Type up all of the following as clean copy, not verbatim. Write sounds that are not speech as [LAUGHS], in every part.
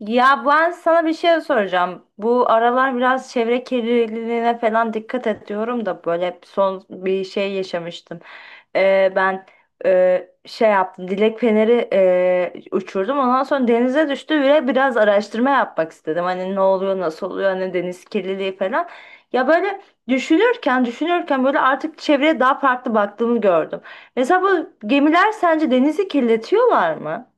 Ya ben sana bir şey soracağım. Bu aralar biraz çevre kirliliğine falan dikkat ediyorum da böyle son bir şey yaşamıştım. Ben şey yaptım. Dilek feneri uçurdum. Ondan sonra denize düştü ve biraz araştırma yapmak istedim. Hani ne oluyor, nasıl oluyor, hani deniz kirliliği falan. Ya böyle düşünürken böyle artık çevreye daha farklı baktığımı gördüm. Mesela bu gemiler sence denizi kirletiyorlar mı?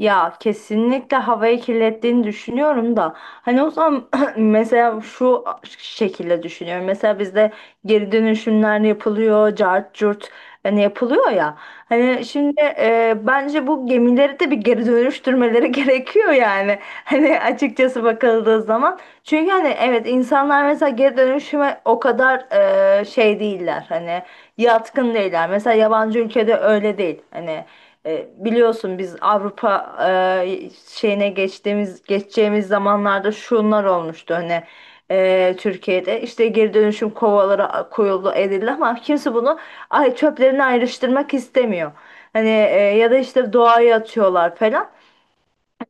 Ya kesinlikle havayı kirlettiğini düşünüyorum da hani o zaman [CLEARS THROAT] mesela şu şekilde düşünüyorum. Mesela bizde geri dönüşümler yapılıyor, cart curt hani yapılıyor ya. Hani şimdi bence bu gemileri de bir geri dönüştürmeleri [LAUGHS] gerekiyor yani. Hani açıkçası bakıldığı zaman. Çünkü hani evet insanlar mesela geri dönüşüme o kadar şey değiller. Hani yatkın değiller. Mesela yabancı ülkede öyle değil. Hani biliyorsun biz Avrupa şeyine geçeceğimiz zamanlarda şunlar olmuştu hani Türkiye'de işte geri dönüşüm kovaları koyuldu edildi ama kimse bunu ay çöplerini ayrıştırmak istemiyor. Hani ya da işte doğaya atıyorlar falan.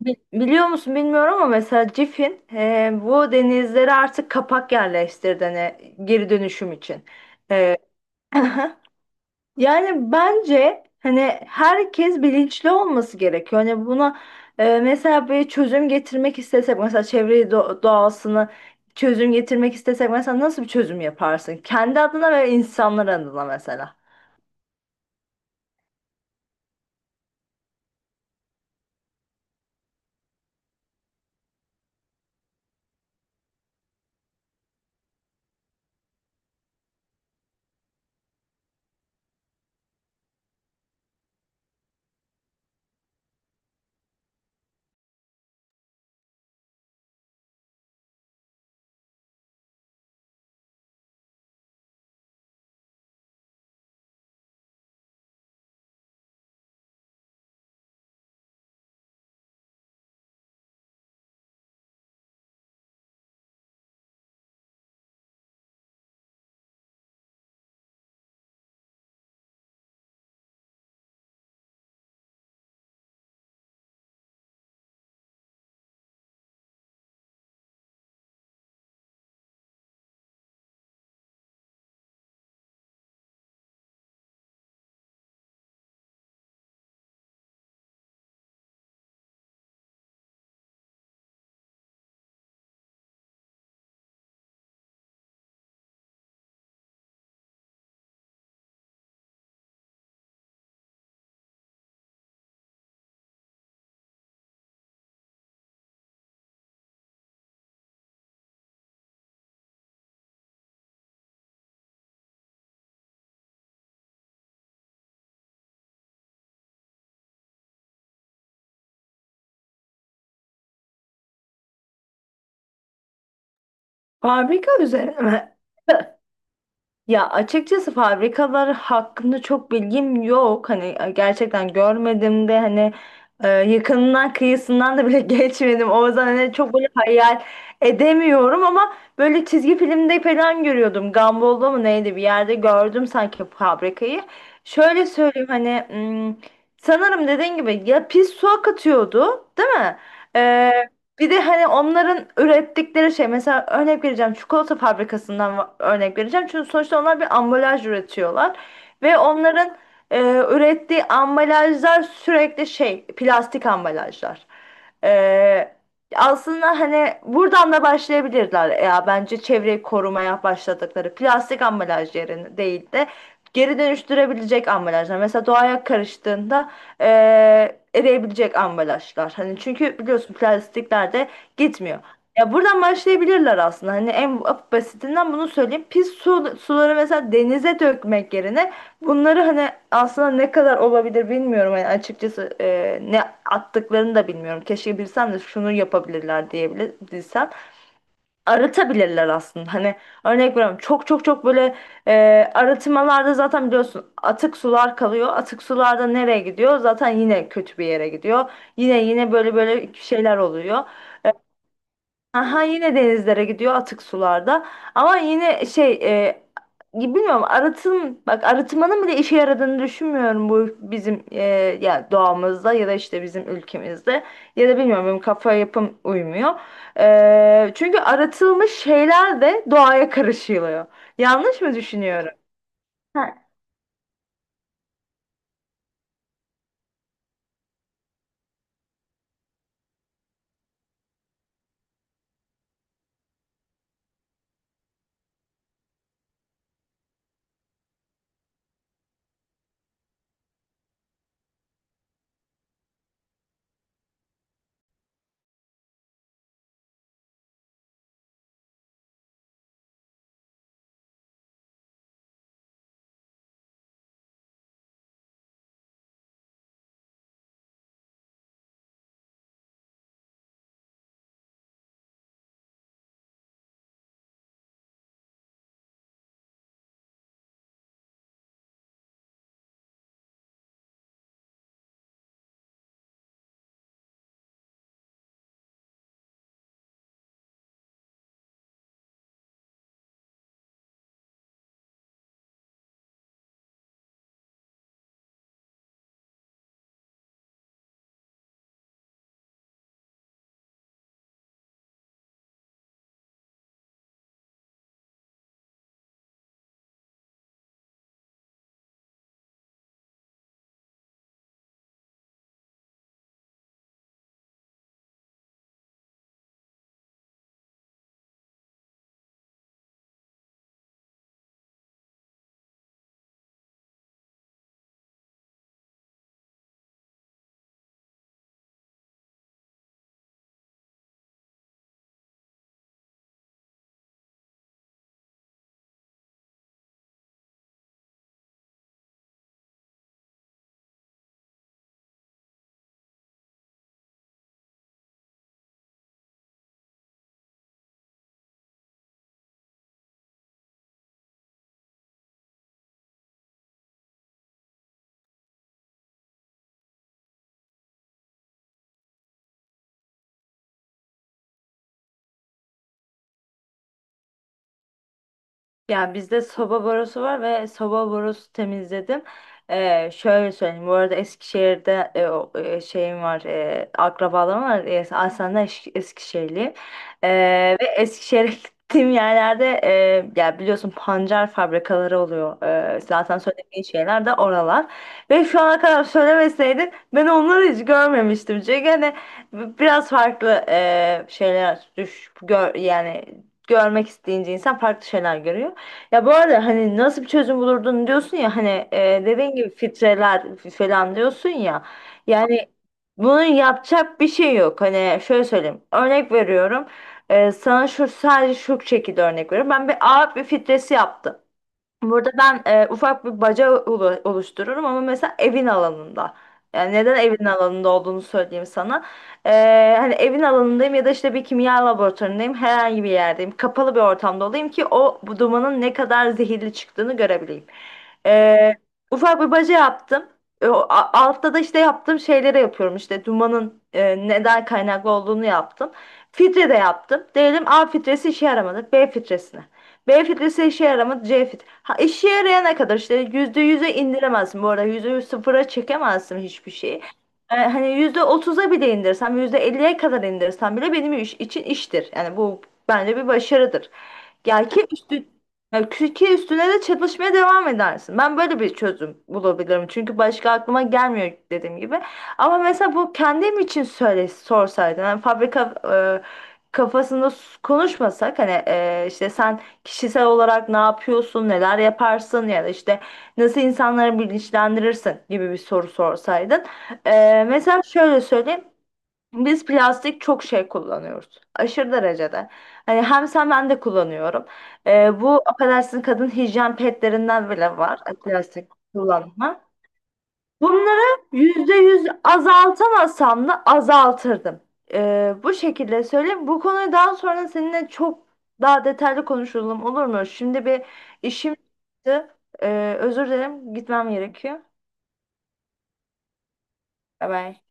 Biliyor musun bilmiyorum ama mesela Cif'in bu denizlere artık kapak yerleştirdi hani geri dönüşüm için. E, [LAUGHS] Yani bence hani herkes bilinçli olması gerekiyor. Hani buna mesela bir çözüm getirmek istesek mesela çevreyi doğasını çözüm getirmek istesek mesela nasıl bir çözüm yaparsın? Kendi adına ve insanlar adına mesela. Fabrika üzerine mi? [CLEARS THROAT] Ya açıkçası fabrikalar hakkında çok bilgim yok. Hani gerçekten görmedim de hani yakınından kıyısından da bile [LAUGHS] geçmedim. O yüzden hani çok böyle hayal edemiyorum ama böyle çizgi filmde falan görüyordum. Gumball'da mı neydi bir yerde gördüm sanki fabrikayı. Şöyle söyleyeyim hani sanırım dediğin gibi ya pis su akıtıyordu değil mi? Bir de hani onların ürettikleri şey mesela örnek vereceğim çikolata fabrikasından örnek vereceğim. Çünkü sonuçta onlar bir ambalaj üretiyorlar ve onların e, ürettiği ambalajlar sürekli şey plastik ambalajlar. E, aslında hani buradan da başlayabilirler. Ya bence çevreyi korumaya başladıkları plastik ambalaj yerine değil de geri dönüştürebilecek ambalajlar. Mesela doğaya karıştığında eriyebilecek ambalajlar. Hani çünkü biliyorsun plastikler de gitmiyor. Ya buradan başlayabilirler aslında. Hani en basitinden bunu söyleyeyim. Pis su, suları mesela denize dökmek yerine bunları hani aslında ne kadar olabilir bilmiyorum. Yani açıkçası ne attıklarını da bilmiyorum. Keşke bilsem de şunu yapabilirler diyebilir, aratabilirler aslında. Hani örnek veriyorum çok çok çok böyle e, arıtmalarda zaten biliyorsun atık sular kalıyor. Atık sularda nereye gidiyor? Zaten yine kötü bir yere gidiyor. Yine yine böyle böyle şeyler oluyor. Aha yine denizlere gidiyor atık sularda. Ama yine şey bilmiyorum arıtım bak arıtmanın bile işe yaradığını düşünmüyorum bu bizim ya doğamızda ya da işte bizim ülkemizde ya da bilmiyorum benim kafa yapım uymuyor. Çünkü arıtılmış şeyler de doğaya karışılıyor. Yanlış mı düşünüyorum? Ya bizde soba borusu var ve soba borusu temizledim. Şöyle söyleyeyim. Bu arada Eskişehir'de şeyim var. E, akrabalarım var. Aslında Eskişehirliyim. Ve Eskişehir'e [LAUGHS] gittiğim yerlerde ya biliyorsun pancar fabrikaları oluyor. Zaten söylediğin şeyler de oralar. Ve şu ana kadar söylemeseydin ben onları hiç görmemiştim. Çünkü hani biraz farklı şeyler gör, yani görmek isteyince insan farklı şeyler görüyor. Ya bu arada hani nasıl bir çözüm bulurdun diyorsun ya hani dediğin gibi filtreler falan diyorsun ya. Yani bunun yapacak bir şey yok. Hani şöyle söyleyeyim. Örnek veriyorum. Sana şu sadece şu şekilde örnek veriyorum. Ben bir ağır bir filtresi yaptım. Burada ben ufak bir baca oluştururum ama mesela evin alanında. Yani neden evin alanında olduğunu söyleyeyim sana. Hani evin alanındayım ya da işte bir kimya laboratuvarındayım, herhangi bir yerdeyim. Kapalı bir ortamda olayım ki o bu dumanın ne kadar zehirli çıktığını görebileyim. E, ufak bir baca yaptım. Altta da işte yaptığım şeyleri yapıyorum. İşte dumanın neden kaynaklı olduğunu yaptım. Filtre de yaptım. Diyelim A filtresi işe yaramadı. B filtresine. B filtresi işe yaramadı. C filtresi. Ha, işe yarayana kadar işte %100'e indiremezsin bu arada %0'a çekemezsin hiçbir şeyi. Hani %30'a bile indirsem %50'ye kadar indirsem bile benim için iştir. Yani bu bence bir başarıdır. Gel ki üstü ya ki üstüne de çalışmaya devam edersin. Ben böyle bir çözüm bulabilirim. Çünkü başka aklıma gelmiyor dediğim gibi. Ama mesela bu kendim için söyle sorsaydın. Yani fabrika kafasında konuşmasak hani işte sen kişisel olarak ne yapıyorsun, neler yaparsın ya da işte nasıl insanları bilinçlendirirsin gibi bir soru sorsaydın. Mesela şöyle söyleyeyim. Biz plastik çok şey kullanıyoruz. Aşırı derecede. Hani hem sen ben de kullanıyorum. Bu affedersin kadın hijyen pedlerinden bile var. Plastik kullanma. Bunları %100 azaltamasam da azaltırdım. Bu şekilde söyleyeyim. Bu konuyu daha sonra seninle çok daha detaylı konuşalım olur mu? Şimdi bir işim çıktı. Özür dilerim. Gitmem gerekiyor. Bye bye.